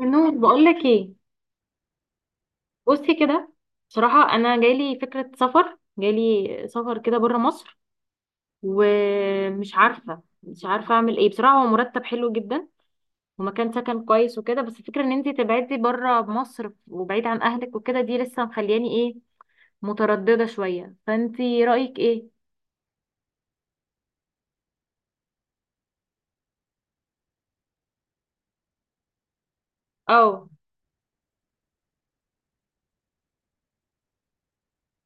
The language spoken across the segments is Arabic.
نور، بقول لك ايه؟ بصي كده. بصراحه انا جايلي فكره سفر جايلي سفر كده بره مصر، ومش عارفه مش عارفه اعمل ايه. بصراحه هو مرتب حلو جدا ومكان سكن كويس وكده، بس الفكره ان انت تبعدي بره مصر وبعيد عن اهلك وكده، دي لسه مخلياني ايه، متردده شويه. فانت رايك ايه؟ اه.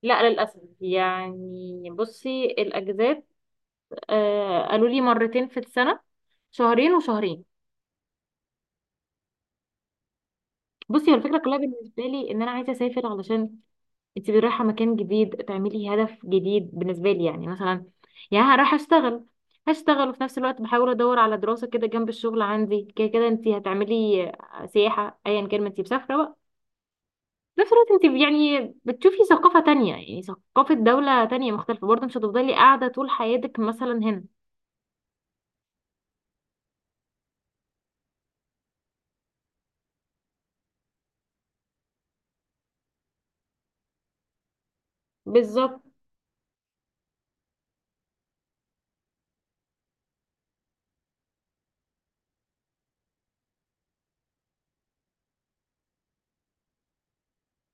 لا للاسف، يعني بصي الاجازات، قالوا لي مرتين في السنه، شهرين وشهرين. بصي هو الفكره كلها بالنسبه لي ان انا عايزه اسافر، علشان انت رايحه مكان جديد تعملي هدف جديد. بالنسبه لي يعني مثلا يا رايحه اشتغل، هشتغل وفي نفس الوقت بحاول ادور على دراسه كده جنب الشغل، عندي كده كده انت هتعملي سياحه ايا كان ما انت مسافره بقى. في نفس الوقت انت يعني بتشوفي ثقافه تانية، يعني ثقافه دوله تانية مختلفه، برضه مش هتفضلي قاعده طول حياتك مثلا هنا. بالظبط.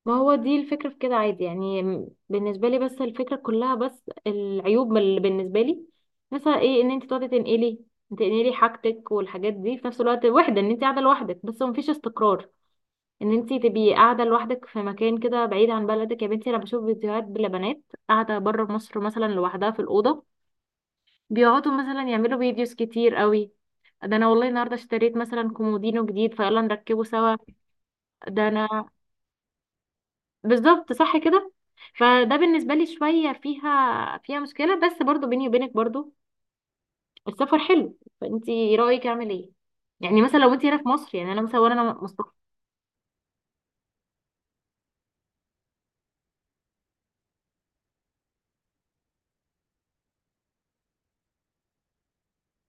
ما هو دي الفكرة في كده عادي، يعني بالنسبة لي، بس الفكرة كلها، بس العيوب اللي بالنسبة لي مثلا ايه، ان انت تقعدي تنقلي حاجتك والحاجات دي في نفس الوقت، وحدة ان انت قاعدة لوحدك، بس مفيش استقرار. ان انت تبقي قاعدة لوحدك في مكان كده بعيد عن بلدك، يا بنتي انا بشوف فيديوهات لبنات قاعدة بره مصر مثلا لوحدها في الأوضة، بيقعدوا مثلا يعملوا فيديوز كتير قوي. ده انا والله النهارده اشتريت مثلا كومودينو جديد فيلا نركبه سوا. ده انا. بالظبط، صح كده. فده بالنسبه لي شويه فيها مشكله، بس برضو بيني وبينك برضو السفر حلو. فانت رايك اعمل ايه؟ يعني مثلا لو انت هنا في مصر، يعني انا مثلا وانا مستقر.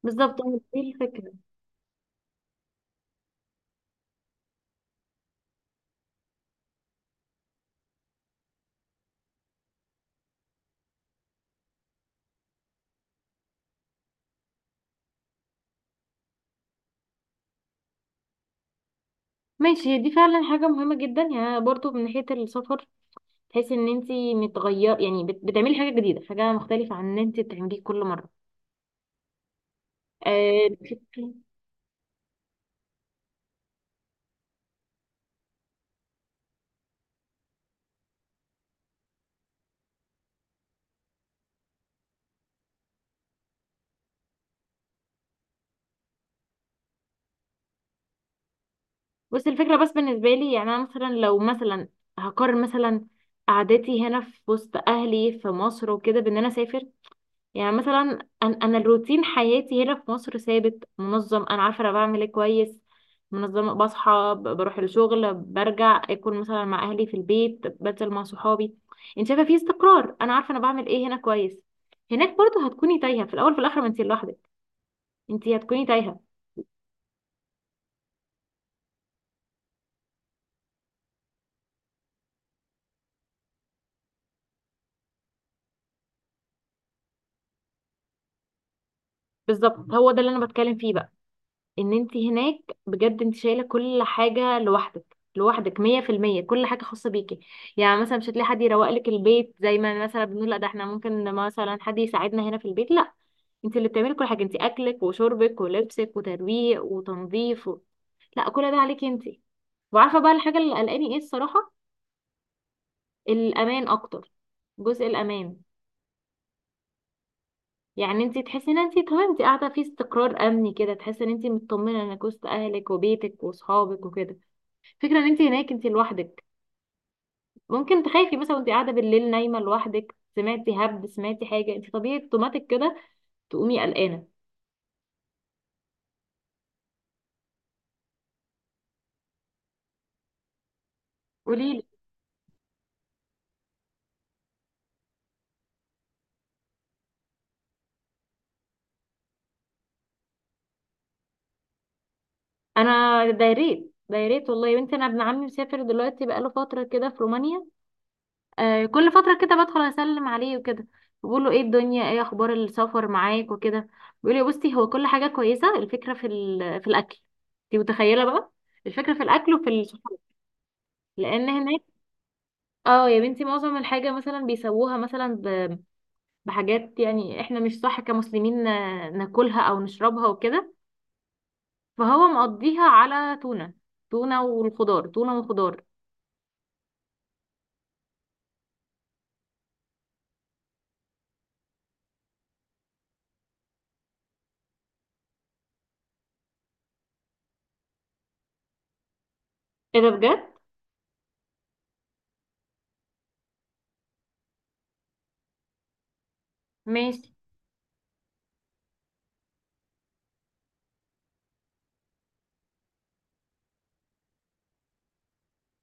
بالظبط، أنا دي الفكره. ماشي، هي دي فعلا حاجه مهمه جدا، يعني برضو من ناحيه السفر تحسي ان انت متغير، يعني بتعملي حاجه جديده، حاجه مختلفه عن ان انت بتعمليه كل مره. آه، بس الفكرة، بس بالنسبة لي يعني أنا مثلا لو مثلا هقارن مثلا قعدتي هنا في وسط أهلي في مصر وكده بإن أنا أسافر. يعني مثلا أنا الروتين حياتي هنا في مصر ثابت منظم، أنا عارفة أنا بعمل إيه كويس، منظمة بصحى بروح الشغل، برجع أكل مثلا مع أهلي في البيت، بنزل مع صحابي. أنت شايفة في استقرار، أنا عارفة أنا بعمل إيه هنا كويس. هناك برضه هتكوني تايهة في الأول، في الآخر ما أنت لوحدك، أنت هتكوني تايهة. بالظبط هو ده اللي أنا بتكلم فيه بقى، ان انت هناك بجد انت شايله كل حاجه لوحدك، لوحدك 100%، كل حاجه خاصه بيكي. يعني مثلا مش هتلاقي حد يروق لك البيت زي ما مثلا بنقول، لا ده احنا ممكن مثلا حد يساعدنا هنا في البيت، لا انت اللي بتعملي كل حاجه، انت اكلك وشربك ولبسك وترويق وتنظيف لا، كل ده عليكي انت. وعارفه بقى الحاجه اللي قلقاني ايه الصراحه، الامان اكتر، جزء الامان. يعني انت تحسي ان انت تمام، انت قاعده في استقرار امني كده، تحسي ان انت مطمنه انك وسط اهلك وبيتك واصحابك وكده. فكرة ان انت هناك انت لوحدك، ممكن تخافي مثلا وانت قاعدة بالليل نايمة لوحدك، سمعتي هب، سمعتي حاجة، انت طبيعي اوتوماتيك كده تقومي قلقانة. قولي لي. انا ده يا ريت، ده يا ريت والله، يا بنتي انا ابن عمي مسافر دلوقتي بقاله فترة كده في رومانيا. كل فترة كده بدخل اسلم عليه وكده، بقول له ايه الدنيا، ايه اخبار السفر معاك وكده. بيقول لي بصي، هو كل حاجة كويسة، الفكرة في في الاكل. انت متخيلة بقى، الفكرة في الاكل وفي الصحاب، لان هناك. اه يا بنتي معظم الحاجة مثلا بيسووها مثلا بحاجات، يعني احنا مش صح كمسلمين ناكلها او نشربها وكده. فهو مقضيها على تونة، تونة والخضار، تونة وخضار. ايه ده بجد؟ ماشي.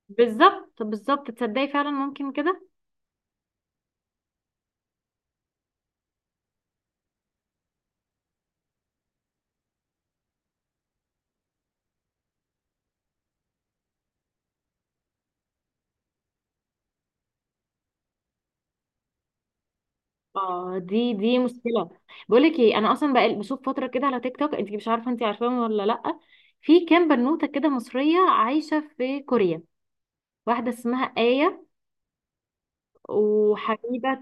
بالظبط، بالظبط تصدقي فعلا ممكن كده. اه دي مشكلة. بقولك ايه، انا اصلا بقى بشوف فترة كده على تيك توك، انت مش عارفة انت عارفاهم ولا لأ؟ في كام بنوتة كده مصرية عايشة في كوريا، واحدة اسمها آية وحبيبة.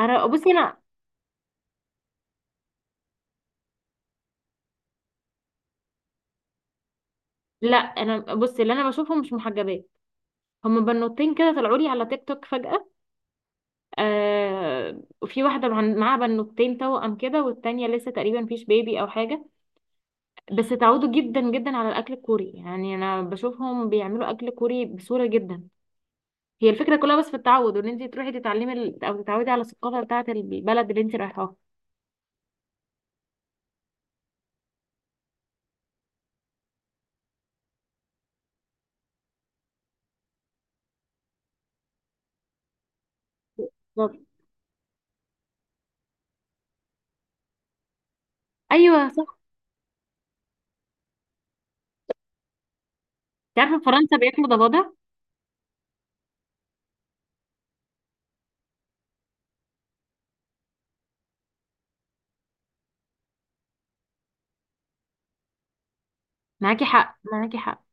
انا بصي انا. لا انا بصي اللي انا بشوفهم مش محجبات. هما بنوتين كده طلعوا لي على تيك توك فجأة. وفي واحدة معاها بنوتين توأم كده، والتانية لسه تقريبا فيش بيبي أو حاجة. بس اتعودوا جدا جدا على الأكل الكوري، يعني أنا بشوفهم بيعملوا أكل كوري بسهولة جدا. هي الفكرة كلها بس في التعود، وإن أنت تروحي تتعلمي أو تتعودي على الثقافة بتاعة البلد اللي أنت رايحاها. بالظبط. أيوه صح. أنت عارفة فرنسا بياكلوا ضفادع. معاكي حق معاكي حق.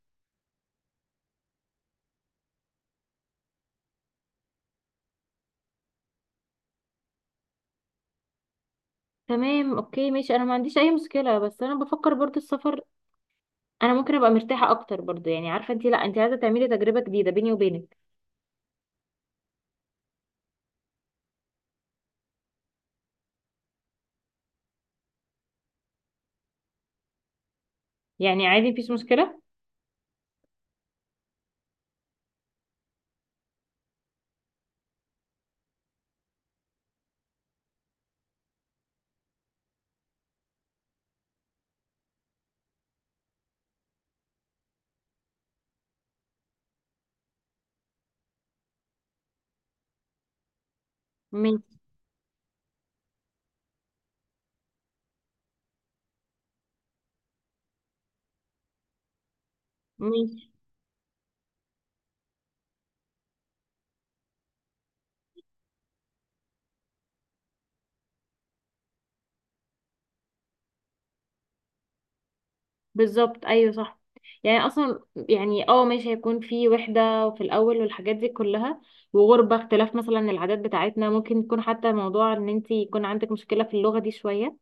تمام، أوكي، ماشي. أنا ما عنديش أي مشكلة، بس أنا بفكر برضه السفر. انا ممكن ابقى مرتاحه اكتر برضو، يعني عارفه انت، لا انت عايزه تعملي تجربه جديده بيني وبينك. يعني عادي مفيش مشكله. ماشي. ماشي. بالظبط، ايوه صح. يعني اصلا يعني اه ماشي، هيكون في وحده وفي الاول والحاجات دي كلها، وغربه، اختلاف مثلا العادات بتاعتنا، ممكن يكون حتى موضوع ان انت يكون عندك مشكله في اللغه دي شويه.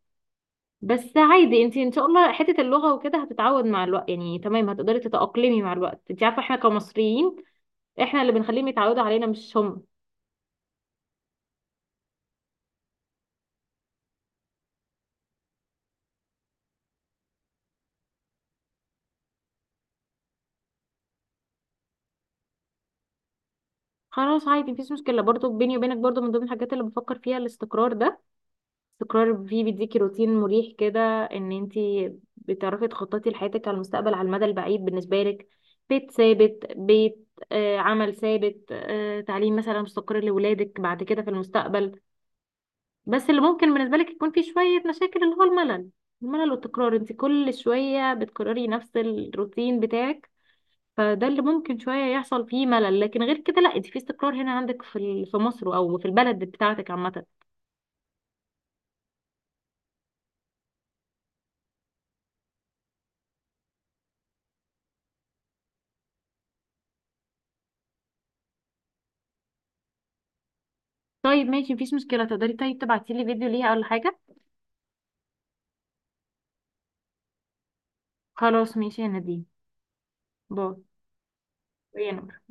بس عادي انت ان شاء الله حته اللغه وكده هتتعود مع الوقت، يعني تمام هتقدري تتاقلمي مع الوقت. انت عارفه احنا كمصريين احنا اللي بنخليهم يتعودوا علينا مش هم. خلاص عادي مفيش مشكلة. برضو بيني وبينك برضو من ضمن الحاجات اللي بفكر فيها الاستقرار ده، استقرار فيه بيديكي روتين مريح كده، ان انتي بتعرفي تخططي لحياتك على المستقبل، على المدى البعيد بالنسبة لك. بيت ثابت، بيت آه عمل ثابت، تعليم مثلا مستقر لولادك بعد كده في المستقبل. بس اللي ممكن بالنسبة لك يكون فيه شوية مشاكل اللي هو الملل، الملل والتكرار، انتي كل شوية بتكرري نفس الروتين بتاعك. فده اللي ممكن شوية يحصل فيه ملل، لكن غير كده لا انت في استقرار هنا عندك في في مصر او في البلد بتاعتك عامة. طيب ماشي مفيش مشكلة، تقدري طيب تبعتي لي فيديو ليها ولا حاجة؟ خلاص ماشي يا نادين. باي.